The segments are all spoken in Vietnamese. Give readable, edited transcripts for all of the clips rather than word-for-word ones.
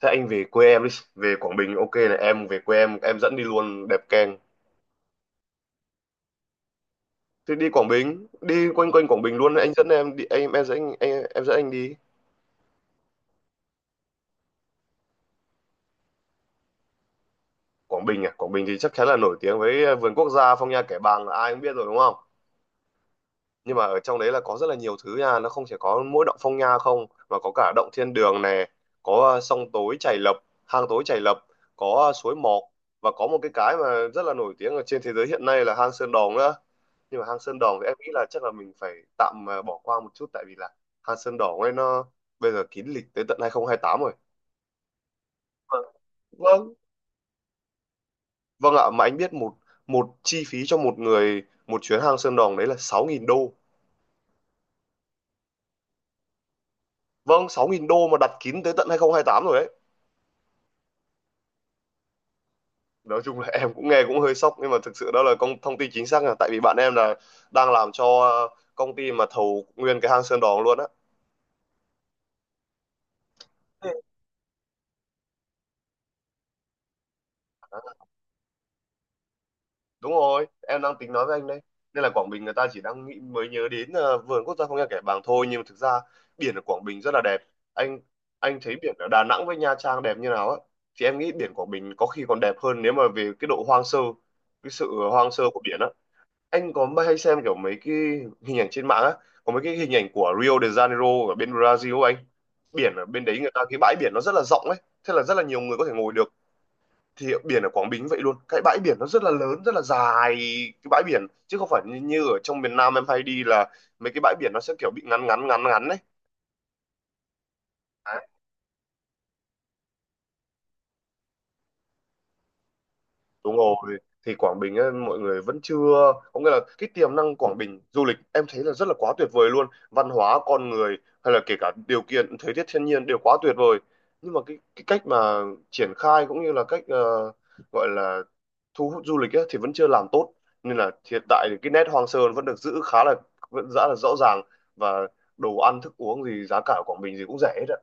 Thế anh về quê em đi, về Quảng Bình ok này, em về quê em dẫn đi luôn đẹp keng. Thế đi Quảng Bình, đi quanh quanh Quảng Bình luôn, anh dẫn em đi em dẫn anh em dẫn anh đi. Quảng Bình à, Quảng Bình thì chắc chắn là nổi tiếng với vườn quốc gia Phong Nha Kẻ Bàng là ai cũng biết rồi đúng không? Nhưng mà ở trong đấy là có rất là nhiều thứ nha, nó không chỉ có mỗi động Phong Nha không mà có cả động Thiên Đường này, có sông tối Chày Lập, hang tối Chày Lập, có suối Mọc, và có một cái mà rất là nổi tiếng ở trên thế giới hiện nay là hang Sơn Đòn nữa. Nhưng mà hang Sơn Đòn thì em nghĩ là chắc là mình phải tạm bỏ qua một chút, tại vì là hang Sơn Đòn ấy nó bây giờ kín lịch tới tận 2028 rồi. Vâng, vâng Vâng ạ. Mà anh biết một một chi phí cho một người một chuyến hang Sơn Đòn đấy là 6.000 đô. Vâng, 6.000 đô mà đặt kín tới tận 2028 rồi đấy. Nói chung là em cũng nghe cũng hơi sốc, nhưng mà thực sự đó là công thông tin chính xác, là tại vì bạn em là đang làm cho công ty mà thầu nguyên cái hang Sơn Đoòng luôn á. Ừ. À, đúng rồi em đang tính nói với anh đây. Nên là Quảng Bình người ta chỉ đang nghĩ mới nhớ đến vườn quốc gia Phong Nha Kẻ Bàng thôi, nhưng mà thực ra biển ở Quảng Bình rất là đẹp anh anh thấy biển ở Đà Nẵng với Nha Trang đẹp như nào á, thì em nghĩ biển Quảng Bình có khi còn đẹp hơn nếu mà về cái độ hoang sơ, cái sự hoang sơ của biển á. Anh có hay xem kiểu mấy cái hình ảnh trên mạng á, có mấy cái hình ảnh của Rio de Janeiro ở bên Brazil ấy anh, biển ở bên đấy người ta cái bãi biển nó rất là rộng ấy, thế là rất là nhiều người có thể ngồi được. Thì biển ở Quảng Bình vậy luôn, cái bãi biển nó rất là lớn, rất là dài, cái bãi biển chứ không phải như ở trong miền Nam em hay đi là mấy cái bãi biển nó sẽ kiểu bị ngắn ngắn ngắn ngắn ấy. Đúng rồi, thì Quảng Bình ấy, mọi người vẫn chưa, có nghĩa là cái tiềm năng Quảng Bình du lịch em thấy là rất là quá tuyệt vời luôn, văn hóa, con người hay là kể cả điều kiện thời tiết thiên nhiên đều quá tuyệt vời. Nhưng mà cái cách mà triển khai cũng như là cách gọi là thu hút du lịch ấy, thì vẫn chưa làm tốt, nên là hiện tại thì cái nét hoang sơ vẫn được giữ khá là, vẫn rất là rõ ràng, và đồ ăn thức uống gì giá cả ở Quảng Bình gì cũng rẻ hết.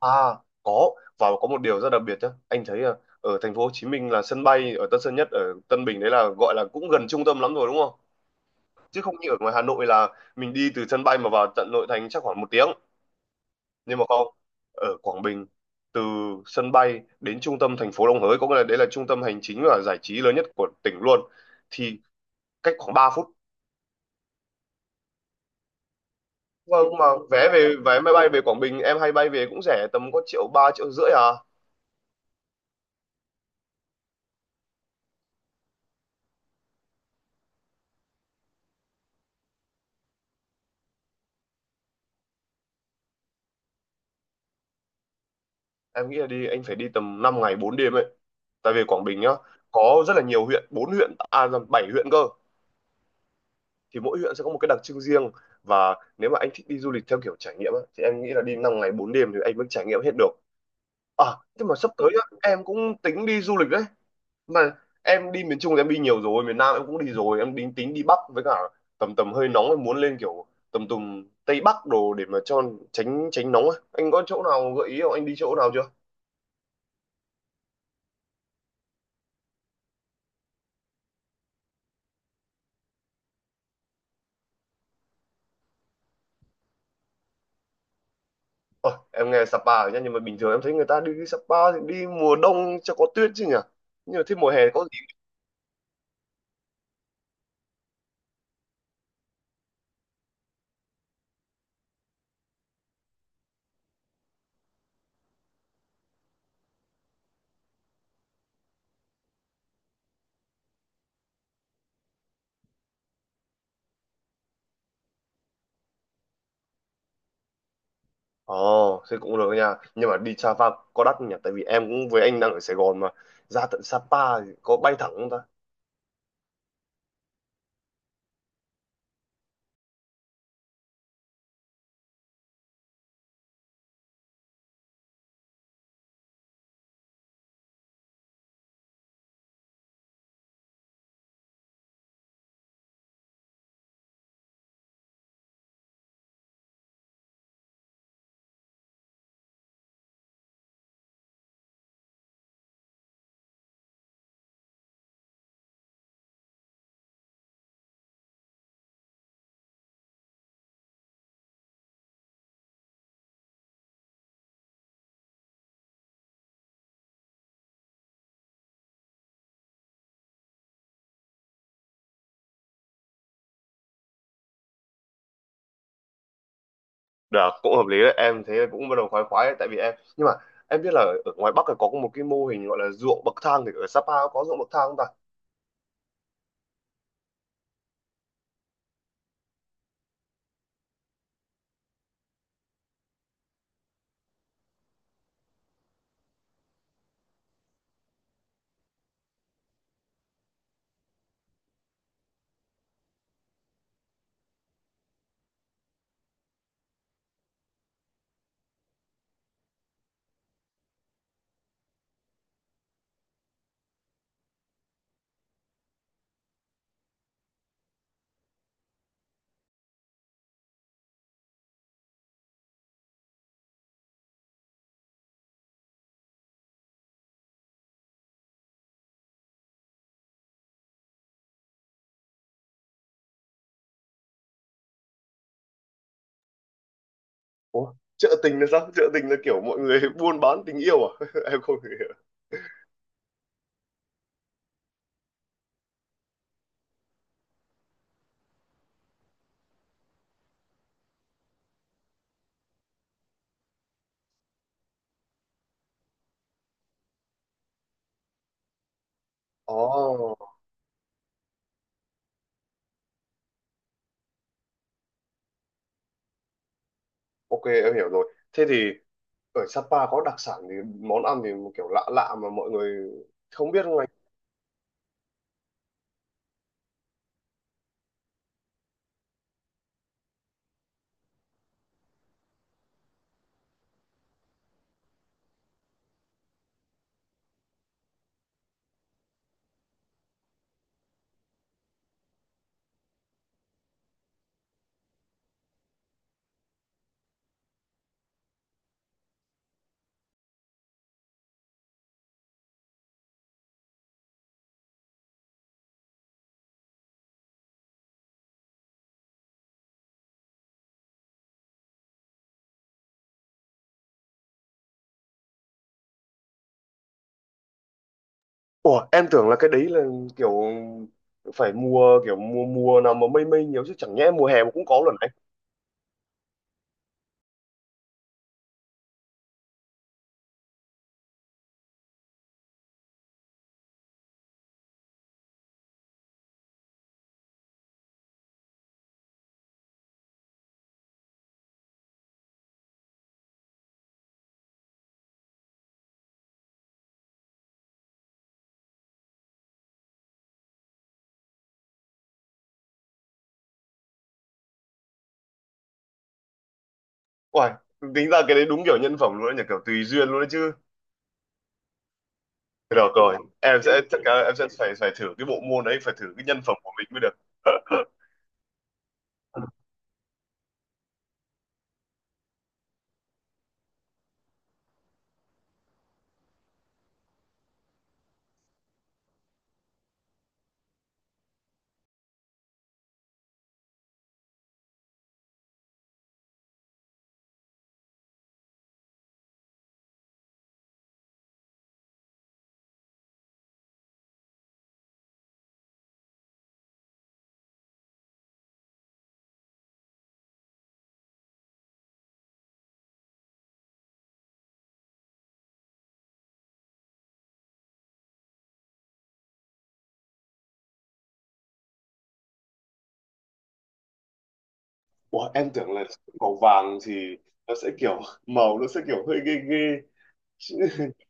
À có, và có một điều rất đặc biệt nhé anh thấy là ở thành phố Hồ Chí Minh là sân bay ở Tân Sơn Nhất ở Tân Bình đấy là gọi là cũng gần trung tâm lắm rồi đúng không, chứ không như ở ngoài Hà Nội là mình đi từ sân bay mà vào tận nội thành chắc khoảng 1 tiếng. Nhưng mà không, ở Quảng Bình từ sân bay đến trung tâm thành phố Đồng Hới, có nghĩa là đấy là trung tâm hành chính và giải trí lớn nhất của tỉnh luôn, thì cách khoảng 3 phút. Vâng, mà vé về vé máy bay về Quảng Bình em hay bay về cũng rẻ tầm có triệu ba triệu rưỡi à. Em nghĩ là đi anh phải đi tầm 5 ngày 4 đêm ấy, tại vì Quảng Bình nhá có rất là nhiều huyện, bốn huyện à nhầm, bảy huyện cơ. Thì mỗi huyện sẽ có một cái đặc trưng riêng, và nếu mà anh thích đi du lịch theo kiểu trải nghiệm á, thì em nghĩ là đi 5 ngày 4 đêm thì anh mới trải nghiệm hết được à. Thế mà sắp tới á, em cũng tính đi du lịch đấy. Mà em đi miền Trung thì em đi nhiều rồi, miền Nam em cũng đi rồi, em tính tính đi Bắc với cả tầm tầm hơi nóng em muốn lên kiểu tầm tầm Tây Bắc đồ để mà cho tránh tránh nóng á. Anh có chỗ nào gợi ý không, anh đi chỗ nào chưa? Ôi, em nghe Sapa rồi nhá, nhưng mà bình thường em thấy người ta đi Sapa thì đi mùa đông cho có tuyết chứ nhỉ, nhưng mà thế mùa hè có gì? Ồ thế cũng được nha, nhưng mà đi Sapa có đắt không nhỉ, tại vì em cũng với anh đang ở Sài Gòn mà ra tận Sapa thì có bay thẳng không ta? Được, cũng hợp lý đấy em, thế cũng bắt đầu khoái khoái đấy, tại vì em, nhưng mà em biết là ở ngoài Bắc là có một cái mô hình gọi là ruộng bậc thang, thì ở Sapa có ruộng bậc thang không ta? Ủa chợ tình là sao, chợ tình là kiểu mọi người buôn bán tình yêu à? Em không hiểu. Ồ, ok em hiểu rồi. Thế thì ở Sapa có đặc sản thì món ăn thì một kiểu lạ lạ mà mọi người không biết không anh? Ủa em tưởng là cái đấy là kiểu phải mùa kiểu mùa mùa nào mà mây mây nhiều chứ, chẳng nhẽ mùa hè mà cũng có luôn anh? Uầy, tính ra cái đấy đúng kiểu nhân phẩm luôn đấy nhỉ, kiểu tùy duyên luôn đấy chứ. Được rồi, em sẽ chắc là em sẽ phải phải thử cái bộ môn đấy, phải thử cái nhân phẩm của mình mới được. Ủa em tưởng là màu vàng thì nó sẽ kiểu màu nó sẽ kiểu hơi ghê ghê.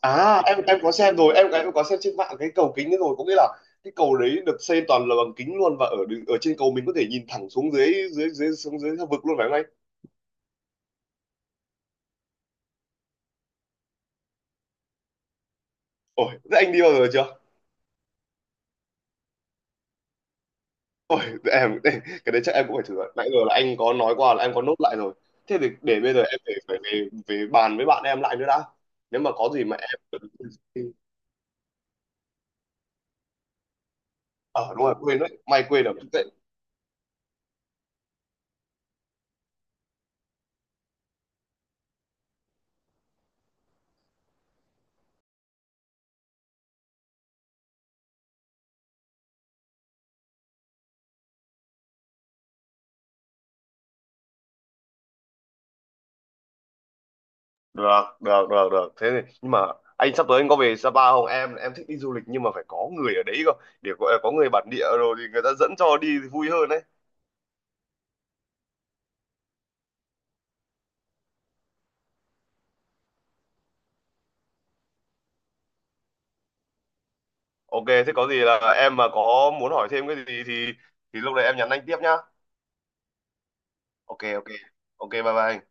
À, em có xem rồi, em có xem trên mạng cái cầu kính ấy rồi, có nghĩa là cái cầu đấy được xây toàn là bằng kính luôn, và ở ở trên cầu mình có thể nhìn thẳng xuống dưới dưới dưới xuống dưới vực luôn phải không anh? Ôi, thế anh đi bao giờ chưa? Ôi, để em để, cái đấy chắc em cũng phải thử rồi. Nãy giờ là anh có nói qua là em có nốt lại rồi. Thế thì để bây giờ em phải phải về về bàn với bạn em lại nữa đã. Nếu mà có gì mà em. Ờ đúng rồi quên đấy, may quên được. Được, được, được, được, thế thì nhưng mà anh sắp tới anh có về Sapa không, em thích đi du lịch nhưng mà phải có người ở đấy cơ, để có người bản địa rồi thì người ta dẫn cho đi thì vui hơn đấy. Ok thế có gì là em mà có muốn hỏi thêm cái gì thì lúc đấy em nhắn anh tiếp nhá. Ok, ok, ok, bye bye anh.